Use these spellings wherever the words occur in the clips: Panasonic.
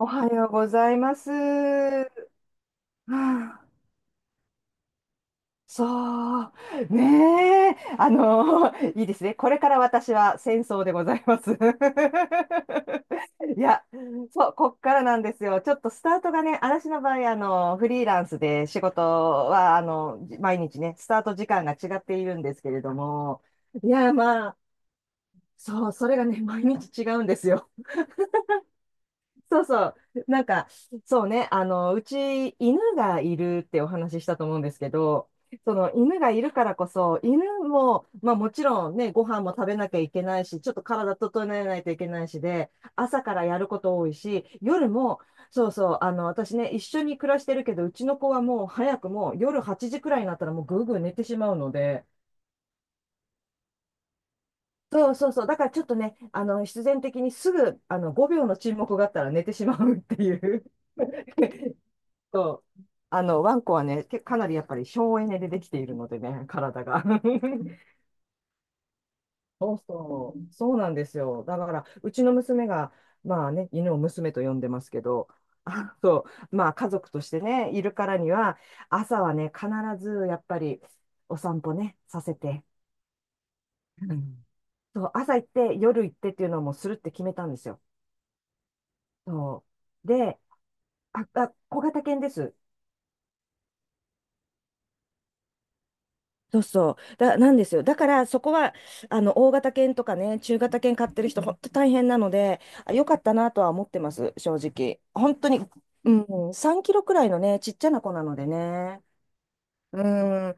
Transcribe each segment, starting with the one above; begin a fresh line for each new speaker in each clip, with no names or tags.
おはようございます。はあそう、ねえ、あの、いいですね。これから私は戦争でございます。いや、そう、こっからなんですよ。ちょっとスタートがね、私の場合、フリーランスで仕事は、毎日ね、スタート時間が違っているんですけれども、いや、まあ、そう、それがね、毎日違うんですよ。そうそう。なんか、うち犬がいるってお話ししたと思うんですけど、その犬がいるからこそ、犬も、まあもちろんね、ご飯も食べなきゃいけないし、ちょっと体整えないといけないしで、朝からやること多いし、夜も、そうそう、私ね、一緒に暮らしてるけど、うちの子はもう早くもう夜8時くらいになったらもうぐうぐう寝てしまうので、そうそうそう、だからちょっとね、必然的にすぐ、5秒の沈黙があったら寝てしまうっていう。そう。ワンコはね、かなりやっぱり省エネでできているのでね、体が。そうそう、そうなんですよ。だから、うちの娘が、まあね、犬を娘と呼んでますけど、そう、まあ家族としてね、いるからには、朝はね、必ずやっぱりお散歩ね、させて、うんそう、朝行って、夜行ってっていうのをもうするって決めたんですよ。そう。あ、あ、小型犬です。なんですよ。だから、そこは、大型犬とかね、中型犬飼ってる人、本当大変なので、よかったなとは思ってます、正直。本当に、うん、3キロくらいのね、ちっちゃな子なのでね。うん、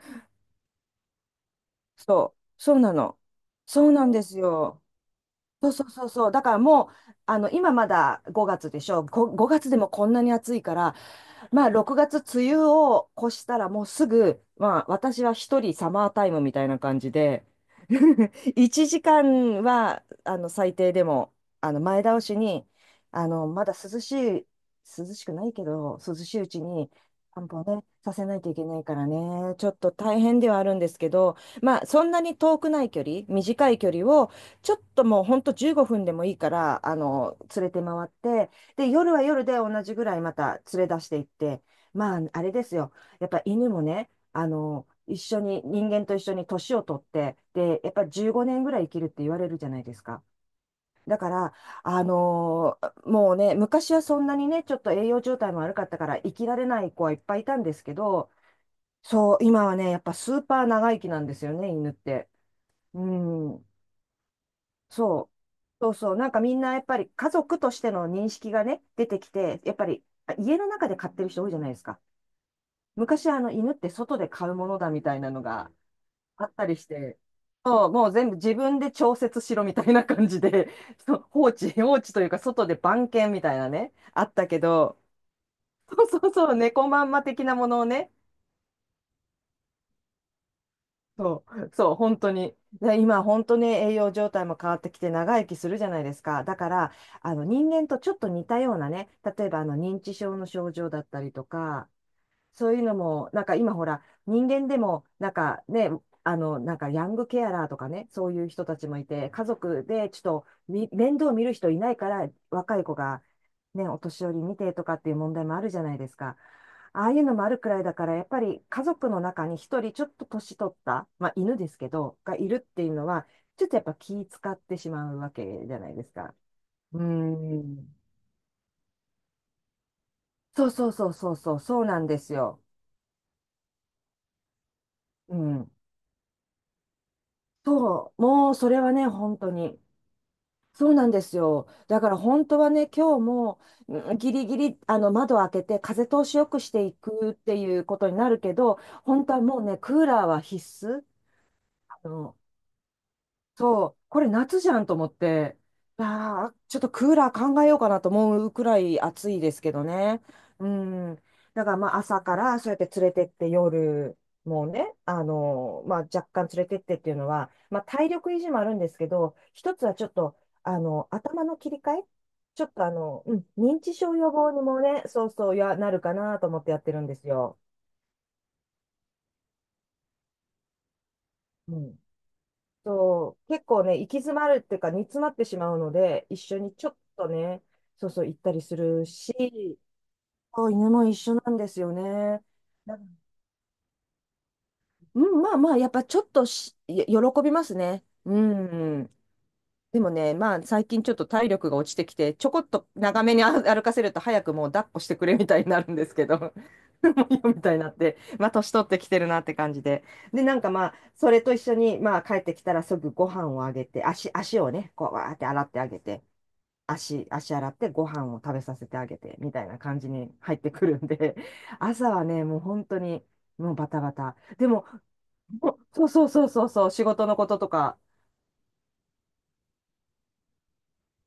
そうなの。そうなんですよ。そうそうそうそう。だからもう、あの、今まだ5月でしょ。5月でもこんなに暑いから、まあ6月梅雨を越したらもうすぐ、まあ私は一人サマータイムみたいな感じで、1時間は、最低でも、前倒しに、あの、まだ涼しい、涼しくないけど、涼しいうちに散歩をね、させないといけないからね、ちょっと大変ではあるんですけど、まあそんなに遠くない距離、短い距離を、ちょっともうほんと15分でもいいから、連れて回って、で、夜は夜で同じぐらいまた連れ出していって、まあ、あれですよ。やっぱ犬もね、あの、一緒に、人間と一緒に年を取って、で、やっぱ15年ぐらい生きるって言われるじゃないですか。だから、あのもうね、昔はそんなにね、ちょっと栄養状態も悪かったから生きられない子はいっぱいいたんですけど、そう、今はね、やっぱスーパー長生きなんですよね、犬って。うん。そう。そうそう。なんかみんなやっぱり家族としての認識がね、出てきて、やっぱり家の中で飼ってる人多いじゃないですか。昔犬って外で飼うものだみたいなのがあったりして、そう、もう全部自分で調節しろみたいな感じで、放置というか外で番犬みたいなね、あったけど、そうそうそう、猫まんま的なものをね、そう、そう、本当に。で、今、本当に栄養状態も変わってきて長生きするじゃないですか。だから、人間とちょっと似たようなね、例えば認知症の症状だったりとか、そういうのも、なんか今ほら、人間でも、なんかね、あの、なんかヤングケアラーとかね、そういう人たちもいて、家族でちょっと面倒を見る人いないから、若い子がね、お年寄り見てとかっていう問題もあるじゃないですか。ああいうのもあるくらいだから、やっぱり家族の中に一人ちょっと年取った、まあ犬ですけど、がいるっていうのは、ちょっとやっぱ気使ってしまうわけじゃないですか。うーん。そうそうそうそうそう、そうなんですよ。うん。そう、もうそれはね、本当に。そうなんですよ。だから本当はね、今日もうんギリギリ窓を開けて風通しよくしていくっていうことになるけど、本当はもうね、クーラーは必須。あのそう、これ夏じゃんと思って、いやーちょっとクーラー考えようかなと思うくらい暑いですけどね。うん。だからまあ朝からそうやって連れてって夜、もうね、まあ若干連れてってっていうのは、まあ体力維持もあるんですけど、一つはちょっと、頭の切り替えちょっとあの、うん、認知症予防にもね、そうそうや、なるかなと思ってやってるんですよ。うん。そう、結構ね、行き詰まるっていうか、煮詰まってしまうので、一緒にちょっとね、そうそう、行ったりするし、そう犬も一緒なんですよね。だうん、まあまあ、やっぱちょっと喜びますね。うん。でもね、まあ最近ちょっと体力が落ちてきて、ちょこっと長めに歩かせると早くもう抱っこしてくれみたいになるんですけど、もういいよみたいになって、まあ年取ってきてるなって感じで。で、なんかまあ、それと一緒に、まあ帰ってきたらすぐご飯をあげて、足をね、こうわーって洗ってあげて、足洗ってご飯を食べさせてあげて、みたいな感じに入ってくるんで、朝はね、もう本当に、もうバタバタ。でも、もうそうそうそうそうそう、仕事のこととか、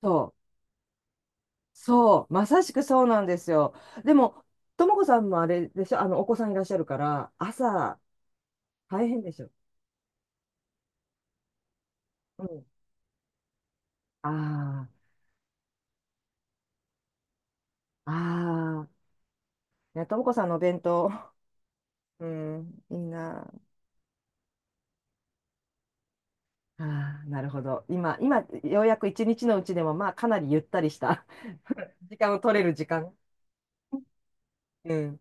そうそう、まさしくそうなんですよ。でも、ともこさんもあれでしょ、お子さんいらっしゃるから、朝、大変でしょ。うん。ああ、ああ、いや、ともこさんのお弁当、うん、いいな。ああ、なるほど。ようやく一日のうちでも、まあ、かなりゆったりした 時間を取れる時間。うん。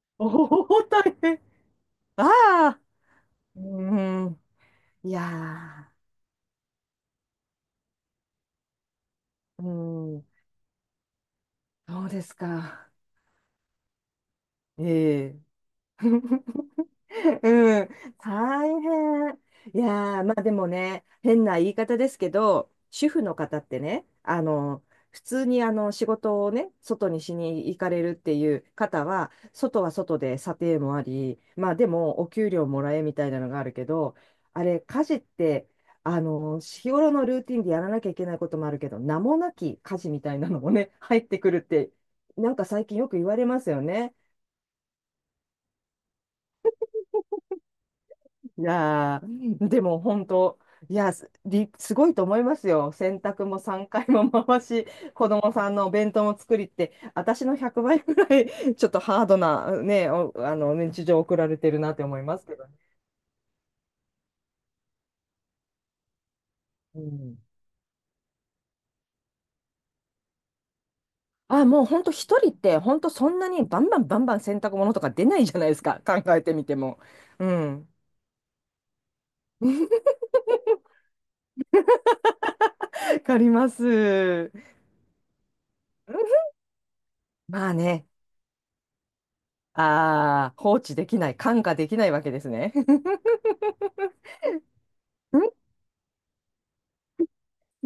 おお、大変。ああ、うん。いやうん、そうですか。ええ うん、大変。いやー、まあでもね、変な言い方ですけど、主婦の方ってね、普通に仕事をね、外にしに行かれるっていう方は、外は外で査定もあり、まあでもお給料もらえみたいなのがあるけど、あれ、家事って、日頃のルーティンでやらなきゃいけないこともあるけど、名もなき家事みたいなのもね、入ってくるって、なんか最近よく言われますよね。いやー、でも本当、すごいと思いますよ。洗濯も3回も回し、子供さんのお弁当も作りって、私の100倍ぐらい、ちょっとハードな、ね、おあの、日常を送られてるなって思いますけどね。うん。あ、もう本当一人って、本当そんなにバンバンバンバン洗濯物とか出ないじゃないですか。考えてみても。うん。わかります。まあね、ああ、放置できない、看過できないわけですね。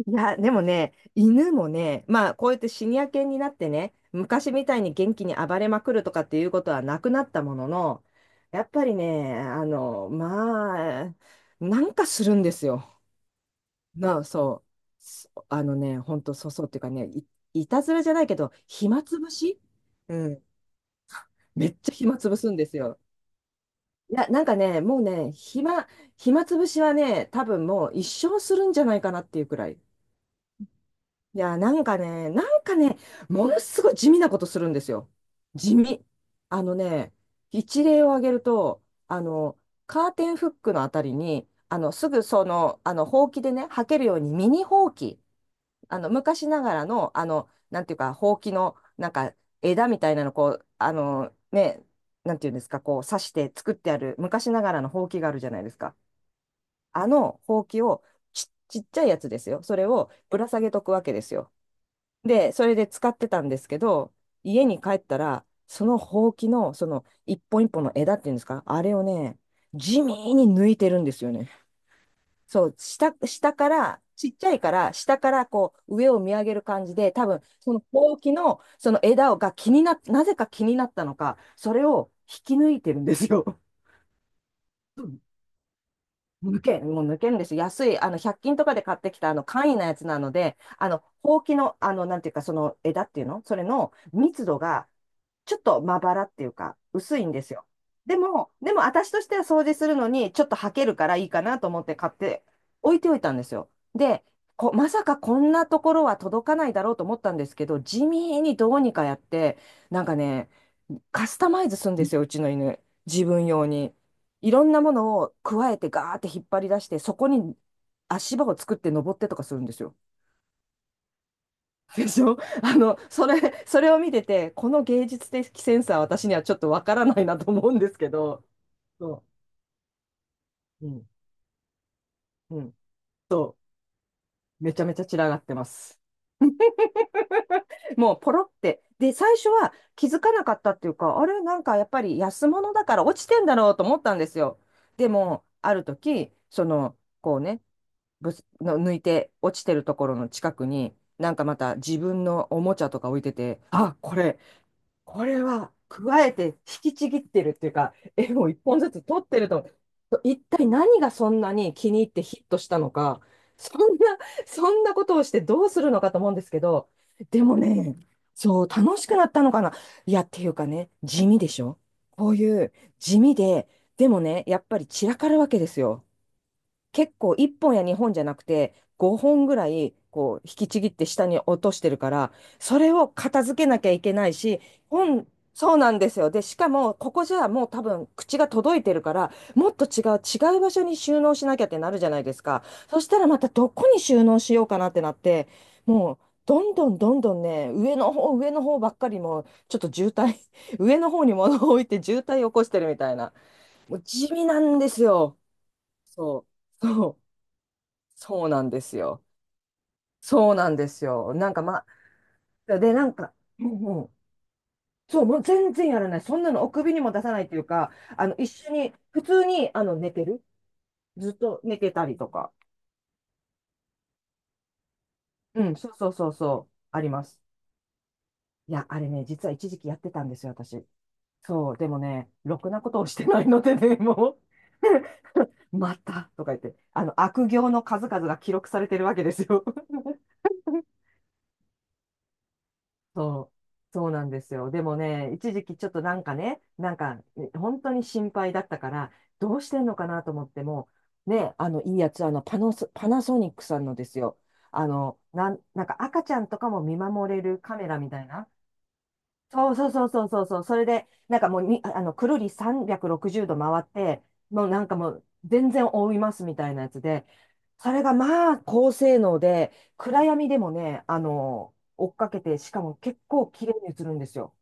いや、でもね、犬もね、まあ、こうやってシニア犬になってね、昔みたいに元気に暴れまくるとかっていうことはなくなったものの、やっぱりね、まあ、なんかするんですよ。な、そう。そほんと、そうそうっていうかね、い、いたずらじゃないけど、暇つぶしうん。めっちゃ暇つぶすんですよ。いや、なんかね、もうね、暇、暇つぶしはね、多分もう一生するんじゃないかなっていうくらい。いや、なんかね、ものすごい地味なことするんですよ。地味。あのね、一例を挙げると、カーテンフックのあたりに、すぐその、ほうきでね、履けるようにミニほうき、昔ながらの、なんていうか、ほうきの、なんか、枝みたいなの、こう、ね、なんていうんですか、こう、刺して作ってある、昔ながらのほうきがあるじゃないですか。あのほうきを、ち、ちっちゃいやつですよ。それをぶら下げとくわけですよ。で、それで使ってたんですけど、家に帰ったら、そのほうきの、その一本一本の枝っていうんですか、あれをね、地味に抜いてるんですよね。そう、下、下から、ちっちゃいから、下からこう、上を見上げる感じで、多分、そのほうきの、その枝をが気になっ、なぜか気になったのか、それを引き抜いてるんですよ。抜け、もう抜けるんですよ。安い、100均とかで買ってきた、簡易なやつなので、ほうきの、なんていうか、その枝っていうのそれの密度が、ちょっとまばらっていうか、薄いんですよ。でも、私としては掃除するのに、ちょっと履けるからいいかなと思って買って置いておいたんですよ。で、こ、まさかこんなところは届かないだろうと思ったんですけど、地味にどうにかやって、なんかね、カスタマイズするんですよ、うちの犬。自分用に。いろんなものを加えてガーって引っ張り出して、そこに足場を作って登ってとかするんですよ。でしょ それを見てて、この芸術的センスは私にはちょっとわからないなと思うんですけど、そう、うん、うん、そう、めちゃめちゃ散らがってます。もうポロって。で、最初は気づかなかったっていうか、あれ、なんかやっぱり安物だから落ちてんだろうと思ったんですよ。でも、ある時、その、こうね、ぶつの抜いて落ちてるところの近くに、なんかまた自分のおもちゃとか置いてて、あ、これは、加えて引きちぎってるっていうか、絵を一本ずつ取ってると思う、一体何がそんなに気に入ってヒットしたのか、そんな、そんなことをしてどうするのかと思うんですけど、でもね、そう、楽しくなったのかな。いや、っていうかね、地味でしょこういう地味で、でもね、やっぱり散らかるわけですよ。結構1本や2本じゃなくて5本ぐらいこう引きちぎって下に落としてるからそれを片付けなきゃいけないし本そうなんですよでしかもここじゃもう多分口が届いてるからもっと違う場所に収納しなきゃってなるじゃないですかそしたらまたどこに収納しようかなってなってもうどんどんね上の方ばっかりもうちょっと渋滞 上の方に物を置いて渋滞を起こしてるみたいなもう地味なんですよそうそうそうなんですよ。そうなんですよ。なんかまあ、で、なんか、もうん、そう、もう全然やらない。そんなのお首にも出さないというか、一緒に、普通に、寝てる。ずっと寝てたりとか。うん、そうそうそうそう、あります。いや、あれね、実は一時期やってたんですよ、私。そう、でもね、ろくなことをしてないのでね、もう また、とか言って、悪行の数々が記録されてるわけですよ。そう、そうなんですよ。でもね、一時期ちょっとなんかね、なんか本当に心配だったから、どうしてんのかなと思っても、ね、あのいいやつ、あのパノソ、パナソニックさんのですよ。なん、なんか赤ちゃんとかも見守れるカメラみたいな、そう。それで、なんかもうに、あくるり360度回って、もうなんかもう全然覆いますみたいなやつで、それがまあ高性能で、暗闇でもね、追っかけて、しかも結構綺麗に映るんですよ。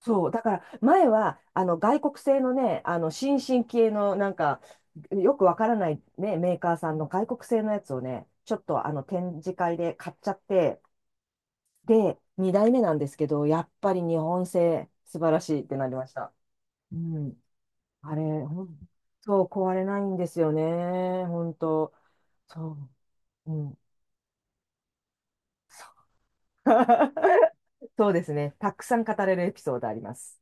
そう。だから、前は、外国製のね、新進系の、なんか、よくわからないね、メーカーさんの外国製のやつをね、ちょっと展示会で買っちゃって、で、2代目なんですけど、やっぱり日本製素晴らしいってなりました。うん。あれ、ほんそう壊れないんですよね。本当。そう。うん。そうですね。たくさん語れるエピソードあります。